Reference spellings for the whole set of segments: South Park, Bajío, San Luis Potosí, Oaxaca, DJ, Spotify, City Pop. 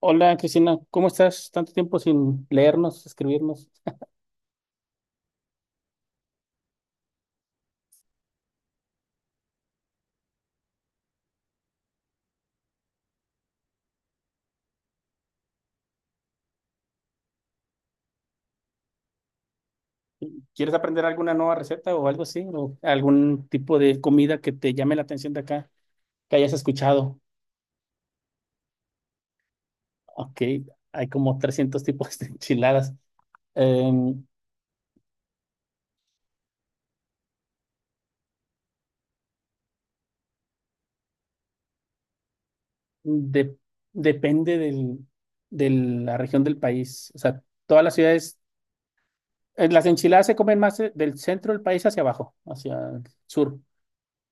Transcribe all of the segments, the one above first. Hola Cristina, ¿cómo estás? Tanto tiempo sin leernos, escribirnos. ¿Quieres aprender alguna nueva receta o algo así? ¿O algún tipo de comida que te llame la atención de acá, que hayas escuchado? Ok, hay como 300 tipos de enchiladas. Em, de- Depende de la región del país. O sea, todas las ciudades, las enchiladas se comen más del centro del país hacia abajo, hacia el sur.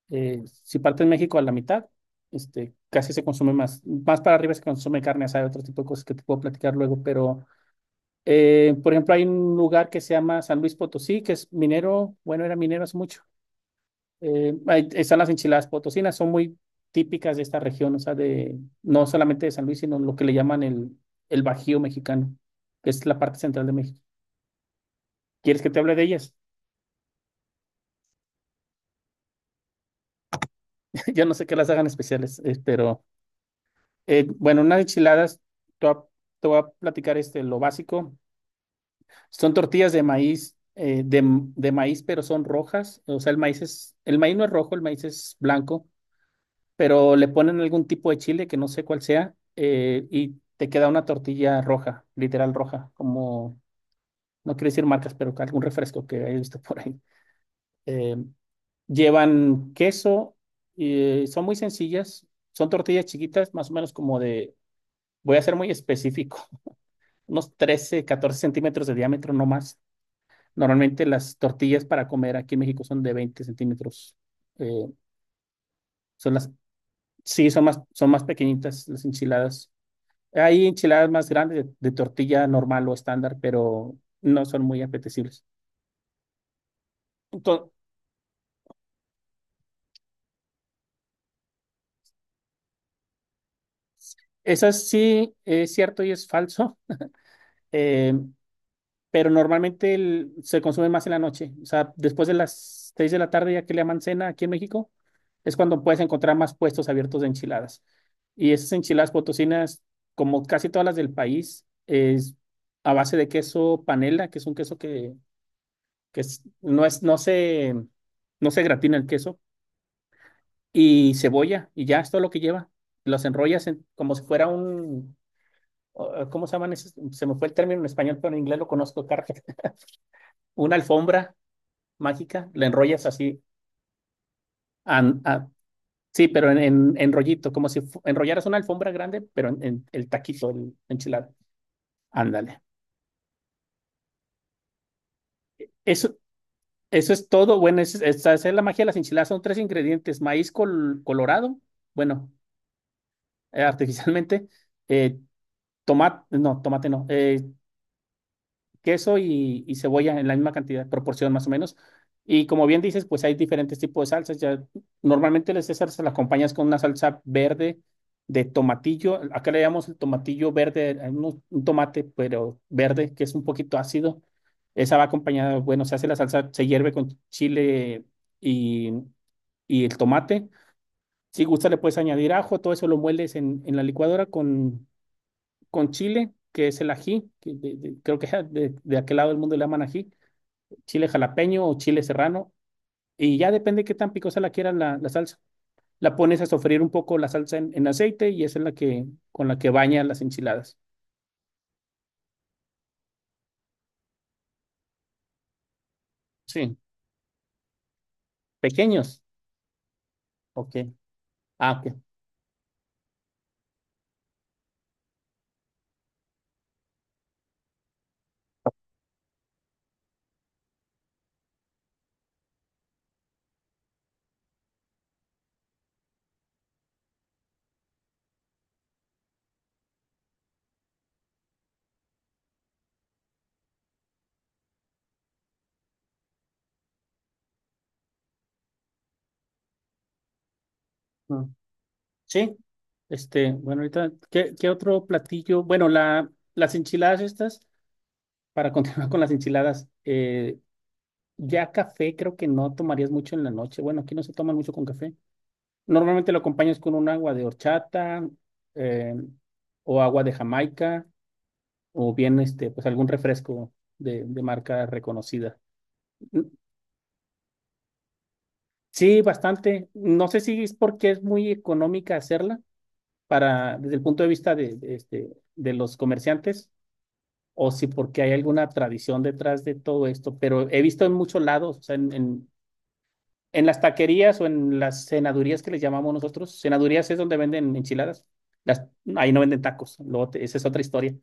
Si partes México a la mitad, casi se consume más. Más para arriba se consume carne asada, otro tipo de cosas que te puedo platicar luego, pero, por ejemplo, hay un lugar que se llama San Luis Potosí, que es minero, bueno, era minero hace mucho. Ahí están las enchiladas potosinas, son muy típicas de esta región, o sea, no solamente de San Luis, sino lo que le llaman el Bajío mexicano, que es la parte central de México. ¿Quieres que te hable de ellas? Yo no sé qué las hagan especiales. Bueno, unas enchiladas, te voy a, te voy a platicar lo básico. Son tortillas de maíz, de maíz, pero son rojas. O sea, el maíz no es rojo, el maíz es blanco, pero le ponen algún tipo de chile que no sé cuál sea, y te queda una tortilla roja, literal roja, como, no quiero decir marcas, pero algún refresco que he visto por ahí. Eh, Llevan queso, y son muy sencillas, son tortillas chiquitas, más o menos como voy a ser muy específico. Unos 13 14 centímetros de diámetro, no más. Normalmente las tortillas para comer aquí en México son de 20 centímetros. Eh, son las, sí, son más pequeñitas las enchiladas. Hay enchiladas más grandes de tortilla normal o estándar, pero no son muy apetecibles. Entonces, eso sí es cierto y es falso. Eh, pero normalmente se consume más en la noche. O sea, después de las 6 de la tarde, ya que le llaman cena aquí en México, es cuando puedes encontrar más puestos abiertos de enchiladas. Y esas enchiladas potosinas, como casi todas las del país, es a base de queso panela, que es un queso que, no es, no se gratina el queso, y cebolla, y ya es todo lo que lleva. Los enrollas como si fuera un, ¿cómo se llaman esos? Se me fue el término en español, pero en inglés lo conozco: carpet. Una alfombra mágica, la enrollas así. an- a- sí, pero en rollito, como si enrollaras una alfombra grande, pero en el taquito, el enchilada. Ándale. Eso, eso es todo. Bueno, esa es la magia de las enchiladas. Son tres ingredientes: maíz colorado, bueno, artificialmente, eh, tomate no, queso y cebolla en la misma cantidad, proporción más o menos. Y como bien dices, pues hay diferentes tipos de salsas. Ya, normalmente las César las acompañas con una salsa verde de tomatillo. Acá le llamamos el tomatillo verde, no, un tomate, pero verde, que es un poquito ácido. Esa va acompañada, bueno, se hace la salsa, se hierve con chile y, y el tomate. Si gusta, le puedes añadir ajo, todo eso lo mueles en la licuadora con chile, que es el ají, creo que de aquel lado del mundo le llaman ají, chile jalapeño o chile serrano, y ya depende qué tan picosa la quieran la salsa. La pones a sofreír un poco la salsa en aceite y esa es con la que baña las enchiladas. Sí, pequeños. Ok. Ah, ok. Mm, sí. Este, bueno, ahorita, ¿qué otro platillo? Bueno, las enchiladas estas, para continuar con las enchiladas, ya café creo que no tomarías mucho en la noche. Bueno, aquí no se toman mucho con café. Normalmente lo acompañas con un agua de horchata eh, o agua de Jamaica o bien pues algún refresco de marca reconocida. Mm, sí, bastante. No sé si es porque es muy económica hacerla desde el punto de vista de los comerciantes o si porque hay alguna tradición detrás de todo esto, pero he visto en muchos lados, o sea, en las taquerías o en las cenadurías que les llamamos nosotros, cenadurías es donde venden enchiladas. Las, Ahí no venden tacos, luego esa es otra historia.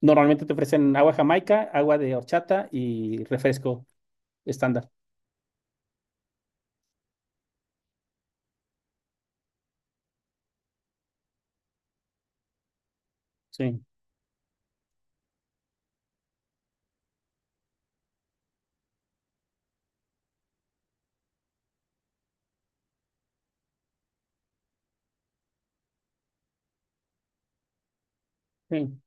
Normalmente te ofrecen agua jamaica, agua de horchata y refresco estándar. Sí, sí,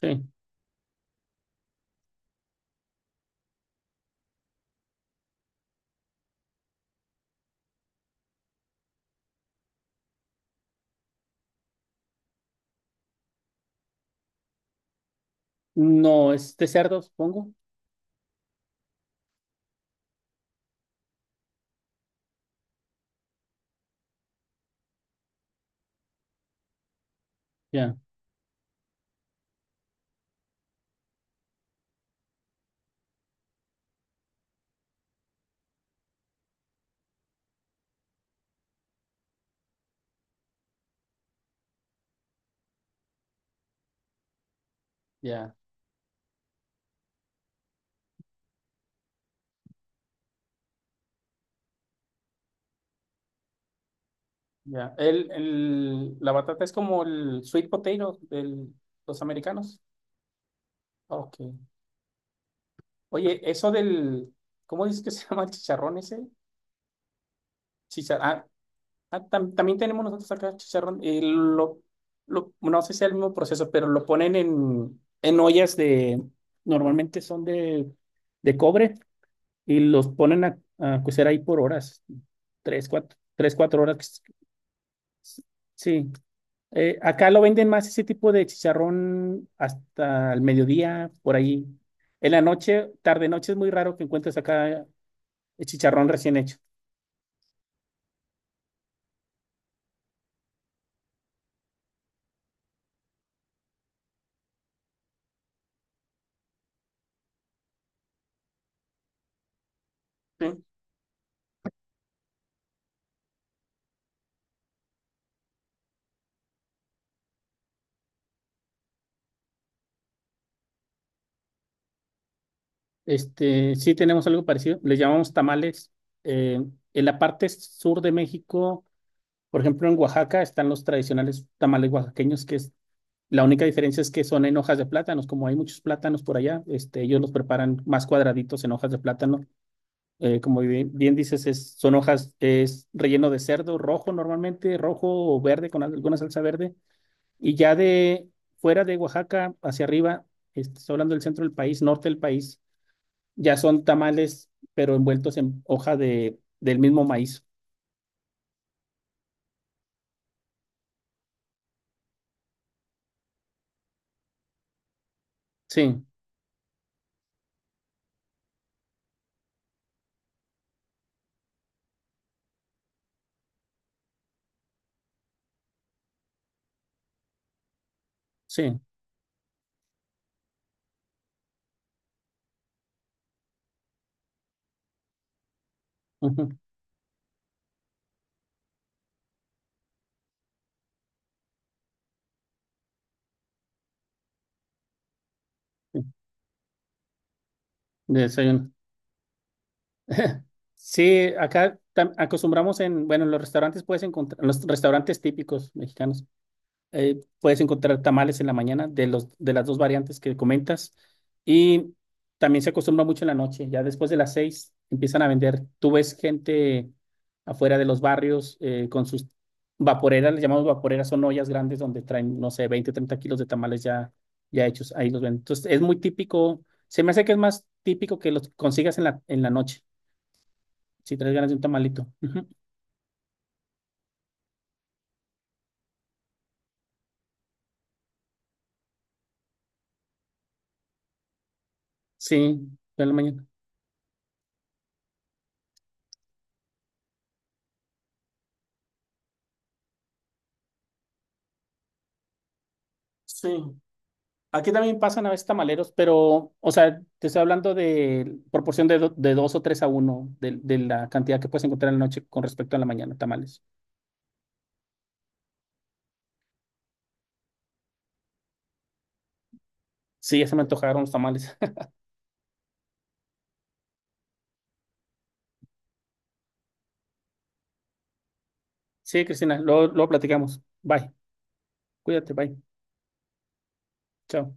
sí. No, es de cerdo, supongo. Ya, ya, ya. La batata es como el sweet potato de los americanos. Ok. Oye, eso ¿cómo dices que se llama el chicharrón ese? Chicharrón. Ah, también tenemos nosotros acá chicharrón. No sé si es el mismo proceso, pero lo ponen en ollas normalmente son de cobre y los ponen a cocer ahí por horas, 3, 4, 3, 4 horas. Pues, sí. Acá lo venden más ese tipo de chicharrón hasta el mediodía, por ahí. En la noche, tarde noche es muy raro que encuentres acá el chicharrón recién hecho. Sí tenemos algo parecido, les llamamos tamales. Eh, en la parte sur de México, por ejemplo, en Oaxaca están los tradicionales tamales oaxaqueños, que es la única diferencia es que son en hojas de plátanos, como hay muchos plátanos por allá, ellos los preparan más cuadraditos en hojas de plátano. Como bien dices, son hojas, es relleno de cerdo rojo normalmente, rojo o verde con alguna salsa verde. Y ya de fuera de Oaxaca hacia arriba, estoy hablando del centro del país, norte del país ya son tamales, pero envueltos en hoja del mismo maíz. Sí, sí. Ujú, sí, de desayuno. Sí, acá acostumbramos bueno, en los restaurantes puedes encontrar, en los restaurantes típicos mexicanos, puedes encontrar tamales en la mañana de las dos variantes que comentas. Y también se acostumbra mucho en la noche. Ya después de las 6 empiezan a vender. Tú ves gente afuera de los barrios con sus vaporeras, les llamamos vaporeras, son ollas grandes donde traen, no sé, 20 30 kilos de tamales ya hechos. Ahí los venden. Entonces es muy típico. Se me hace que es más típico que los consigas en la noche, si traes ganas de un tamalito. Ujú. Sí, de la mañana. Sí. Aquí también pasan a veces tamaleros, pero, o sea, te estoy hablando de proporción de 2 o 3 a uno de la cantidad que puedes encontrar en la noche con respecto a la mañana, tamales. Sí, ya se me antojaron los tamales. Sí, Cristina, luego, luego platicamos. Bye, cuídate, bye. Chao.